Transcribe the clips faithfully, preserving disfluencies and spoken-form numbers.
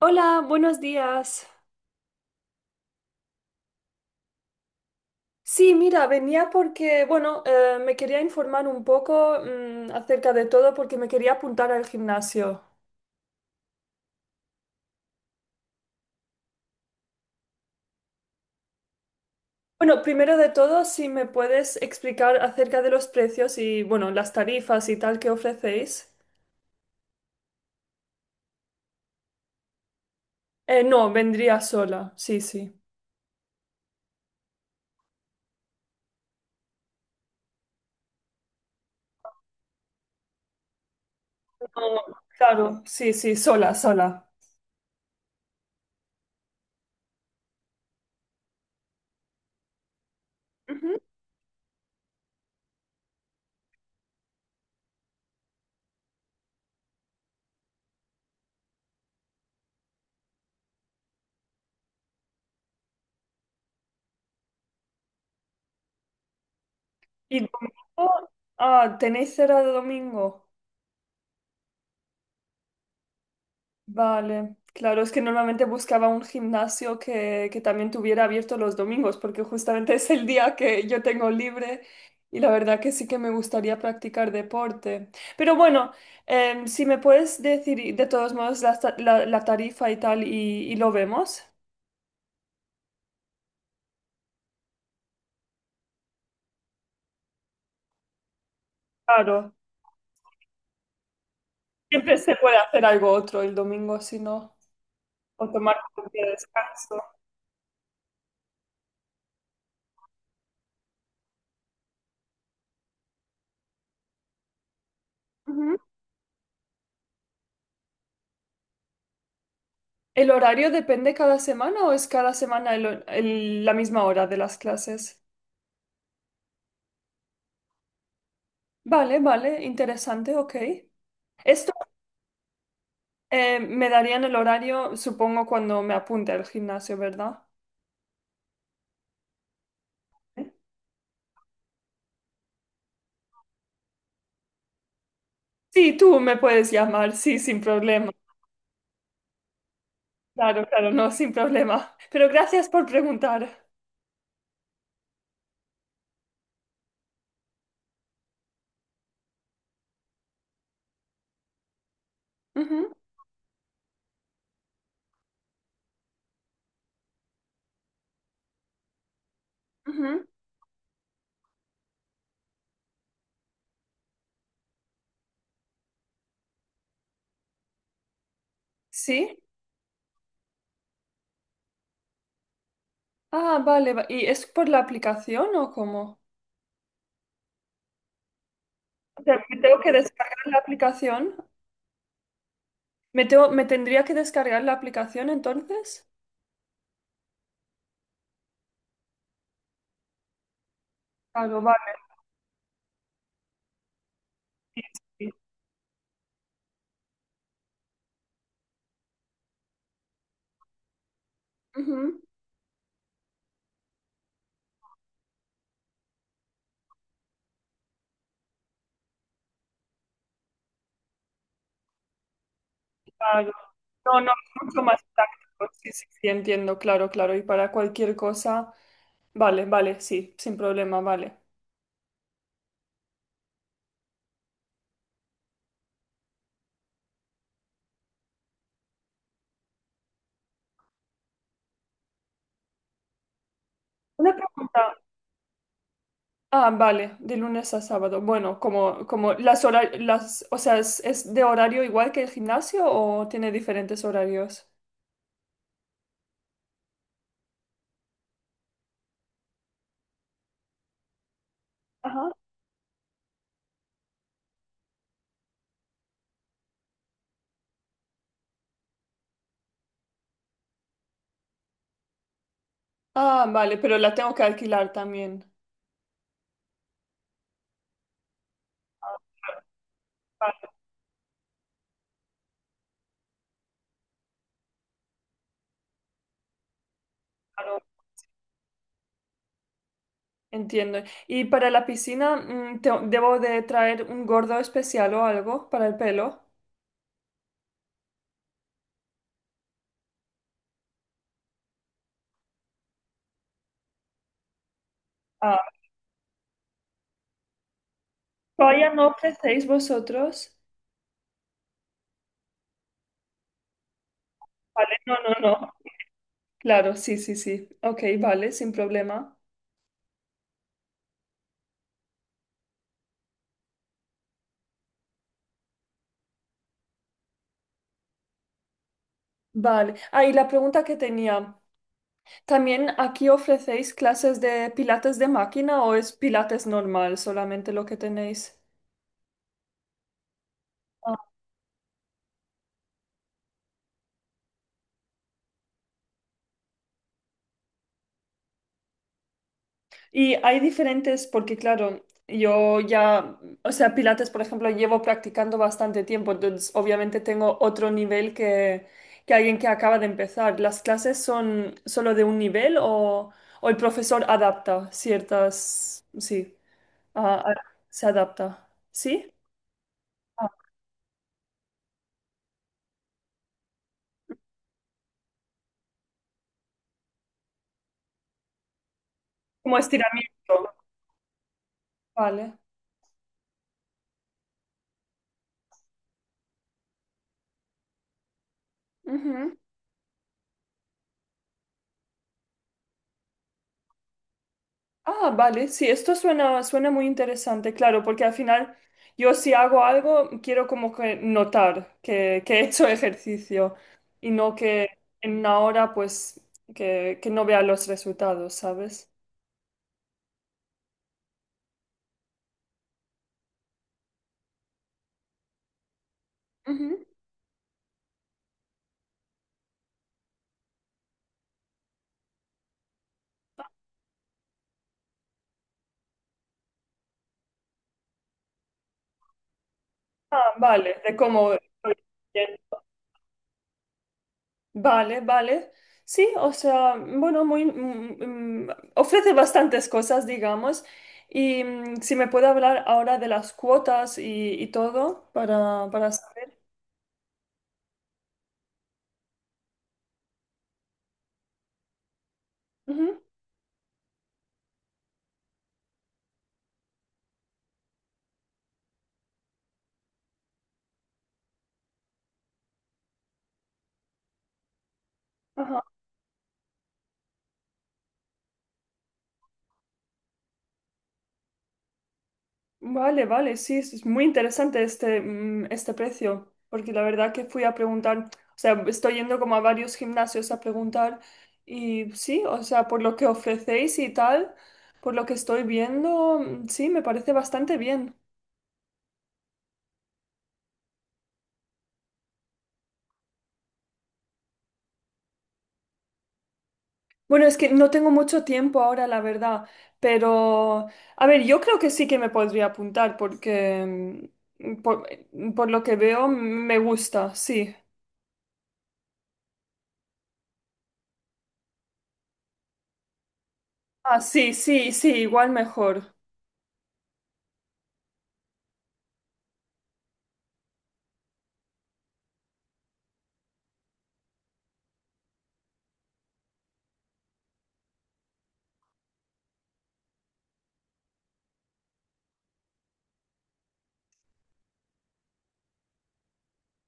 Hola, buenos días. Sí, mira, venía porque, bueno, eh, me quería informar un poco, mm, acerca de todo porque me quería apuntar al gimnasio. Bueno, primero de todo, si me puedes explicar acerca de los precios y, bueno, las tarifas y tal que ofrecéis. Eh, no, vendría sola, sí, sí. No, claro, sí, sí, sola, sola. Ujú. ¿Y domingo? Ah, ¿tenéis cerrado domingo? Vale, claro, es que normalmente buscaba un gimnasio que, que también tuviera abierto los domingos, porque justamente es el día que yo tengo libre y la verdad que sí que me gustaría practicar deporte. Pero bueno, em, si me puedes decir y de todos modos la, ta- la- la tarifa y tal y, y lo vemos. Claro, siempre se puede hacer algo otro el domingo, si no, o tomar un día de descanso. Ujú. ¿El horario depende cada semana o es cada semana el- el- la misma hora de las clases? Vale, vale, interesante, ok. Esto eh, me darían el horario, supongo, cuando me apunte al gimnasio, ¿verdad? Sí, tú me puedes llamar, sí, sin problema. Claro, claro, no, sin problema. Pero gracias por preguntar. Ujú, ujú. ¿Sí? Ah, vale. va- ¿Y es por la aplicación o cómo? O sea, ¿me tengo que descargar la aplicación? ¿Me tengo- me tendría que descargar la aplicación entonces? Claro, vale. Sí, sí. Ujú. Claro. No, no, mucho más táctico. Sí, sí, sí, entiendo, claro, claro. Y para cualquier cosa, vale, vale, sí, sin problema, vale. Una pregunta. Ah, vale, de lunes a sábado. Bueno, como, como las horas, las, o sea, ¿es, es de horario igual que el gimnasio o tiene diferentes horarios? Ajá. Ah, vale, pero la tengo que alquilar también. Vale, claro. Entiendo. ¿Y para la piscina, mm, te- debo de traer un gordo especial o algo para el pelo? Vaya, no ofrecéis vosotros. Vale, no, no, no. Claro, sí, sí, sí. Ok, vale, sin problema. Vale. Ah, y la pregunta que tenía. ¿También aquí ofrecéis clases de pilates de máquina o es pilates normal solamente lo que tenéis? Y hay diferentes, porque claro, yo ya, o sea, pilates, por ejemplo, llevo practicando bastante tiempo, entonces obviamente tengo otro nivel que, que alguien que acaba de empezar. ¿Las clases son solo de un nivel o, o el profesor adapta ciertas, sí, a- a- se adapta? ¿Sí? Ah, como estiramiento. Vale. Ah, vale, sí, esto suena, suena muy interesante, claro, porque al final yo si hago algo quiero como que notar que, que he hecho ejercicio y no que en una hora pues que, que no vea los resultados, ¿sabes? Ujú. Ah, vale, de cómo estoy bien. Vale, vale. Sí, o sea, bueno, muy, mm, mm, ofrece bastantes cosas, digamos. Y mm, si me puede hablar ahora de las cuotas y, y todo para, para saber. Ajá. Vale, vale, sí, es es muy interesante este, mm, este precio, porque la verdad que fui a preguntar, o sea, estoy yendo como a varios gimnasios a preguntar y sí, o sea, por lo que ofrecéis y tal, por lo que estoy viendo, mm, sí, me parece bastante bien. Bueno, es que no tengo mucho tiempo ahora, la verdad, pero a ver, yo creo que sí que me podría apuntar porque mm, por por lo que veo me gusta, sí. Ah, sí, sí, sí, igual mejor.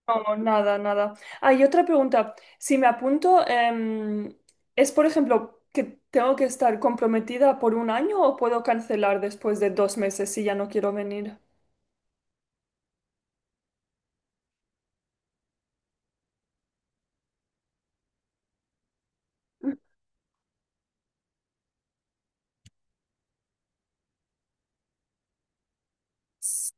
No, nada, nada. Ah, y otra pregunta. Si me apunto, em, ¿es por ejemplo que tengo que estar comprometida por un año o puedo cancelar después de dos meses si ya no quiero venir? S-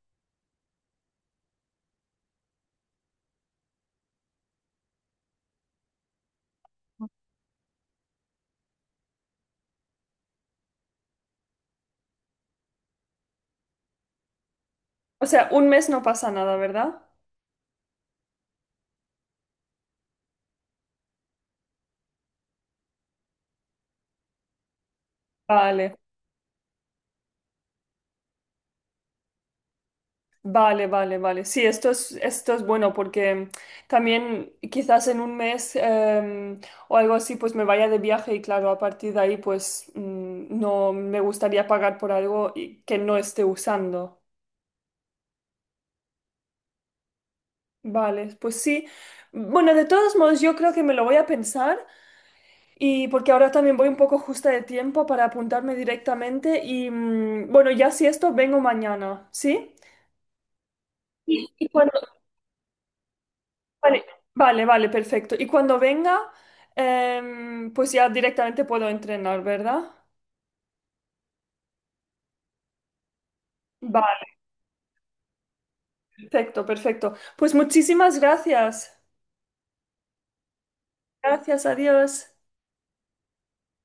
O sea, un mes no pasa nada, ¿verdad? Vale, vale, vale, vale. Sí, esto es, esto es bueno porque también quizás en un mes em, o algo así, pues me vaya de viaje y claro, a partir de ahí, pues mm, no me gustaría pagar por algo y- que no esté usando. Vale, pues sí. Bueno, de todos modos, yo creo que me lo voy a pensar y porque ahora también voy un poco justa de tiempo para apuntarme directamente y mm, bueno, ya si esto, vengo mañana, ¿sí? Sí. Y cuando... Vale, vale, vale, perfecto. Y cuando venga, em, pues ya directamente puedo entrenar, ¿verdad? Vale, perfecto, perfecto. Pues muchísimas gracias. Gracias, adiós.